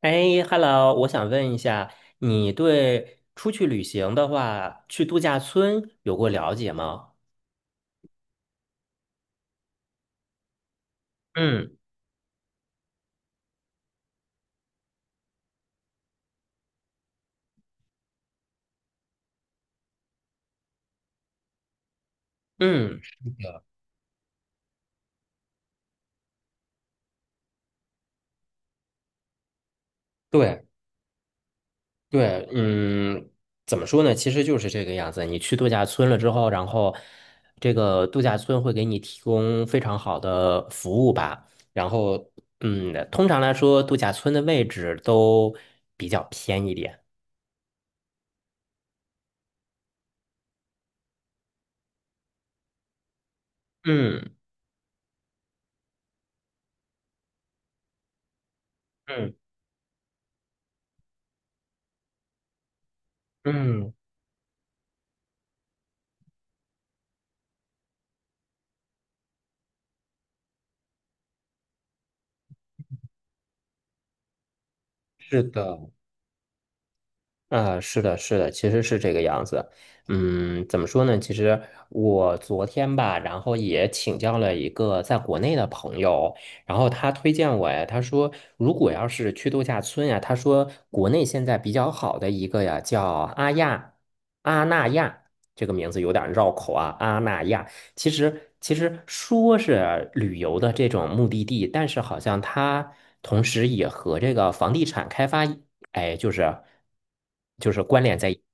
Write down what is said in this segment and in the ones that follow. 哎，Hello，我想问一下，你对出去旅行的话，去度假村有过了解吗？嗯嗯，对对，嗯，怎么说呢？其实就是这个样子。你去度假村了之后，然后这个度假村会给你提供非常好的服务吧。然后，通常来说，度假村的位置都比较偏一点。嗯嗯嗯，是的。啊，是的，是的，其实是这个样子。嗯，怎么说呢？其实我昨天吧，然后也请教了一个在国内的朋友，然后他推荐我呀，他说如果要是去度假村呀，他说国内现在比较好的一个呀叫阿亚阿那亚，这个名字有点绕口啊，阿那亚。其实说是旅游的这种目的地，但是好像它同时也和这个房地产开发，哎，就是关联在一起。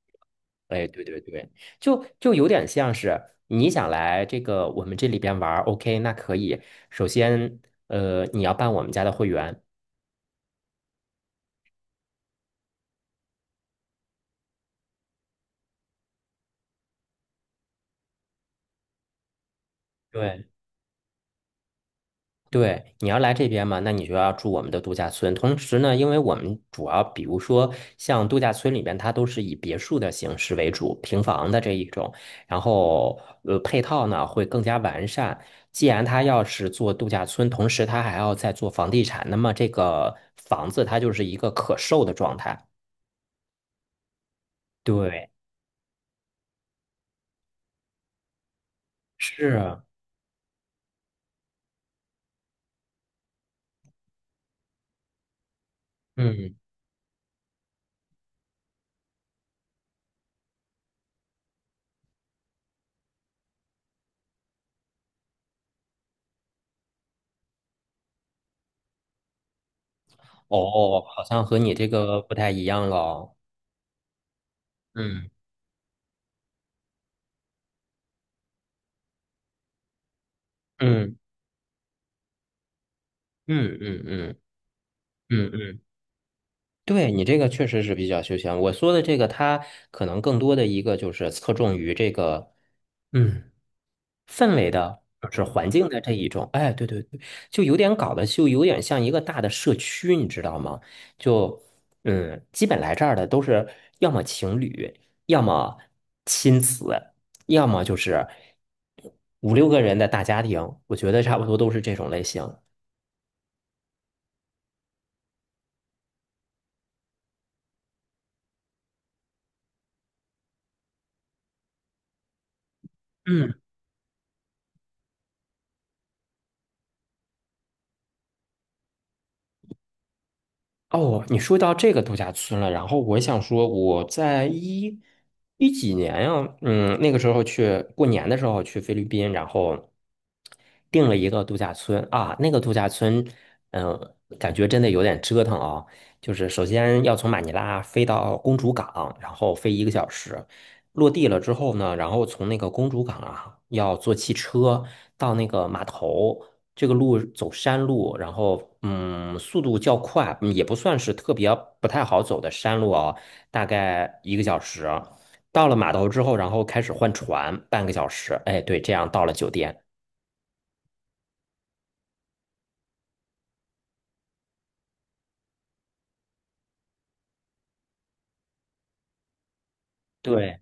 哎，对对对，就有点像是你想来这个我们这里边玩 o k 那可以。首先你要办我们家的会员。对对，你要来这边嘛，那你就要住我们的度假村。同时呢，因为我们主要比如说像度假村里边，它都是以别墅的形式为主，平房的这一种，然后配套呢会更加完善。既然他要是做度假村，同时他还要再做房地产，那么这个房子它就是一个可售的状态。对，是，嗯，哦，好像和你这个不太一样了哦。嗯嗯嗯嗯嗯嗯嗯。嗯，对你这个确实是比较休闲。我说的这个，它可能更多的一个就是侧重于这个，嗯，氛围的，就是环境的这一种。哎，对对对，就有点像一个大的社区，你知道吗？就基本来这儿的都是要么情侣，要么亲子，要么就是五六个人的大家庭。我觉得差不多都是这种类型。嗯。哦，你说到这个度假村了，然后我想说，我在一几年呀，那个时候去过年的时候去菲律宾，然后订了一个度假村啊，那个度假村，感觉真的有点折腾啊，就是首先要从马尼拉飞到公主港，然后飞一个小时，落地了之后呢，然后从那个公主港啊，要坐汽车到那个码头。这个路走山路，然后速度较快，也不算是特别不太好走的山路啊，大概一个小时。到了码头之后，然后开始换船，半个小时。哎，对，这样到了酒店。对，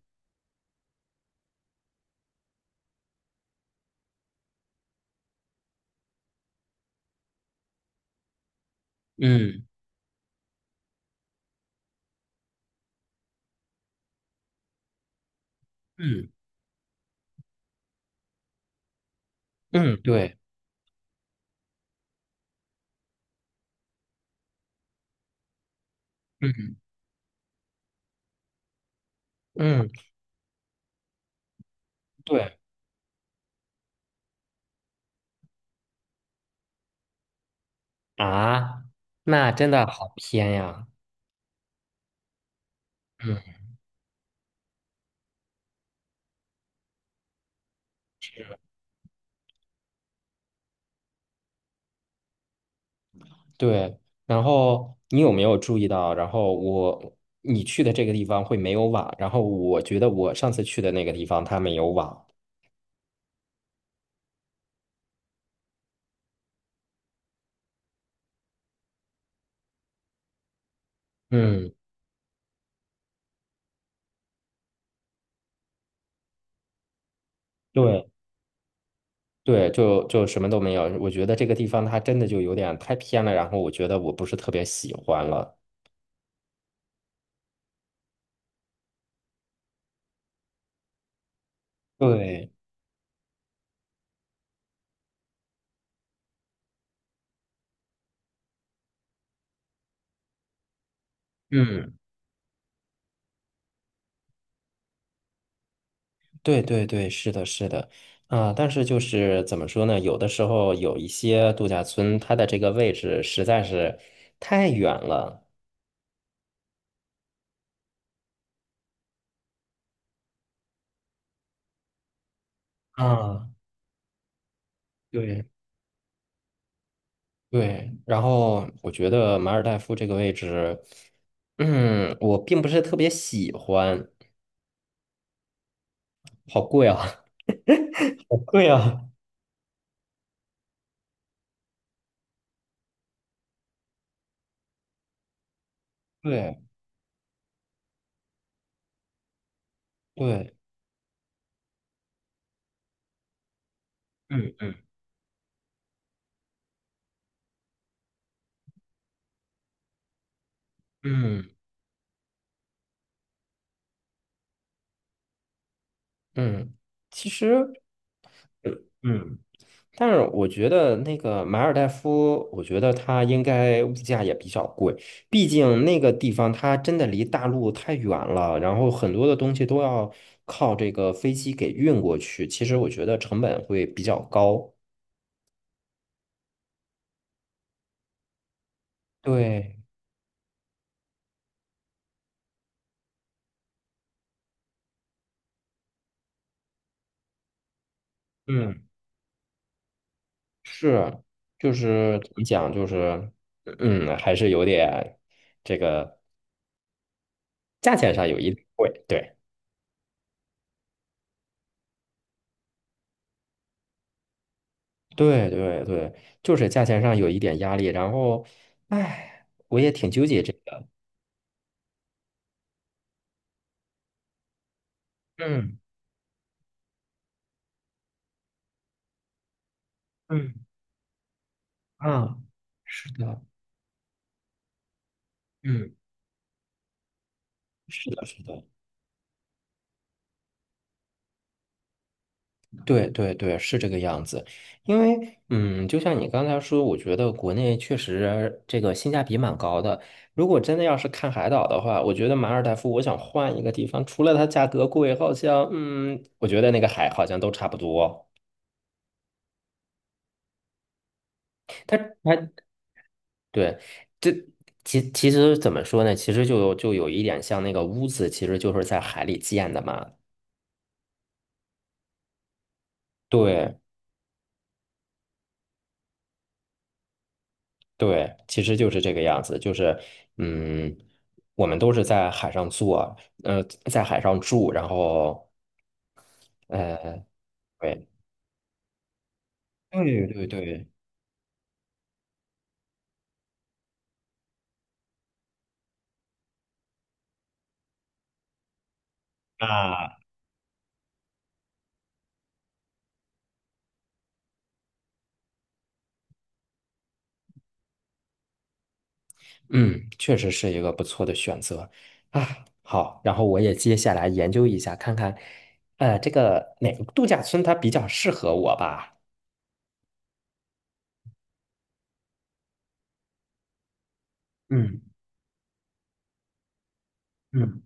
嗯嗯嗯，对，嗯嗯，对啊，那真的好偏呀。嗯，对。然后你有没有注意到？然后你去的这个地方会没有网，然后我觉得我上次去的那个地方它没有网。嗯，对对，就什么都没有。我觉得这个地方它真的就有点太偏了，然后我觉得我不是特别喜欢了。对，嗯，对对对，是的，是的。啊，但是就是怎么说呢？有的时候有一些度假村，它的这个位置实在是太远了。啊，对，对，然后我觉得马尔代夫这个位置，我并不是特别喜欢。好贵啊。好贵啊。对对，嗯嗯。嗯嗯，其实呃嗯，但是我觉得那个马尔代夫，我觉得它应该物价也比较贵，毕竟那个地方它真的离大陆太远了，然后很多的东西都要靠这个飞机给运过去，其实我觉得成本会比较高。对，嗯，是，就是怎么讲，就是还是有点这个价钱上有一点贵，对。对对对，就是价钱上有一点压力，然后，哎，我也挺纠结这个。嗯嗯，啊，是的，嗯，是的，是的，对对对，是这个样子。因为，就像你刚才说，我觉得国内确实这个性价比蛮高的。如果真的要是看海岛的话，我觉得马尔代夫，我想换一个地方，除了它价格贵，好像，我觉得那个海好像都差不多。它它对，这其实怎么说呢？其实就有一点像那个屋子，其实就是在海里建的嘛。对对，其实就是这个样子，就是嗯，我们都是在海上做，呃，在海上住，然后呃，对对对对啊，嗯，确实是一个不错的选择啊。好，然后我也接下来研究一下，看看这个哪个度假村它比较适合我吧。嗯嗯。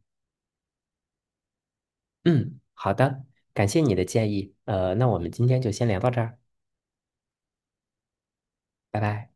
嗯，好的，感谢你的建议。那我们今天就先聊到这儿，拜拜。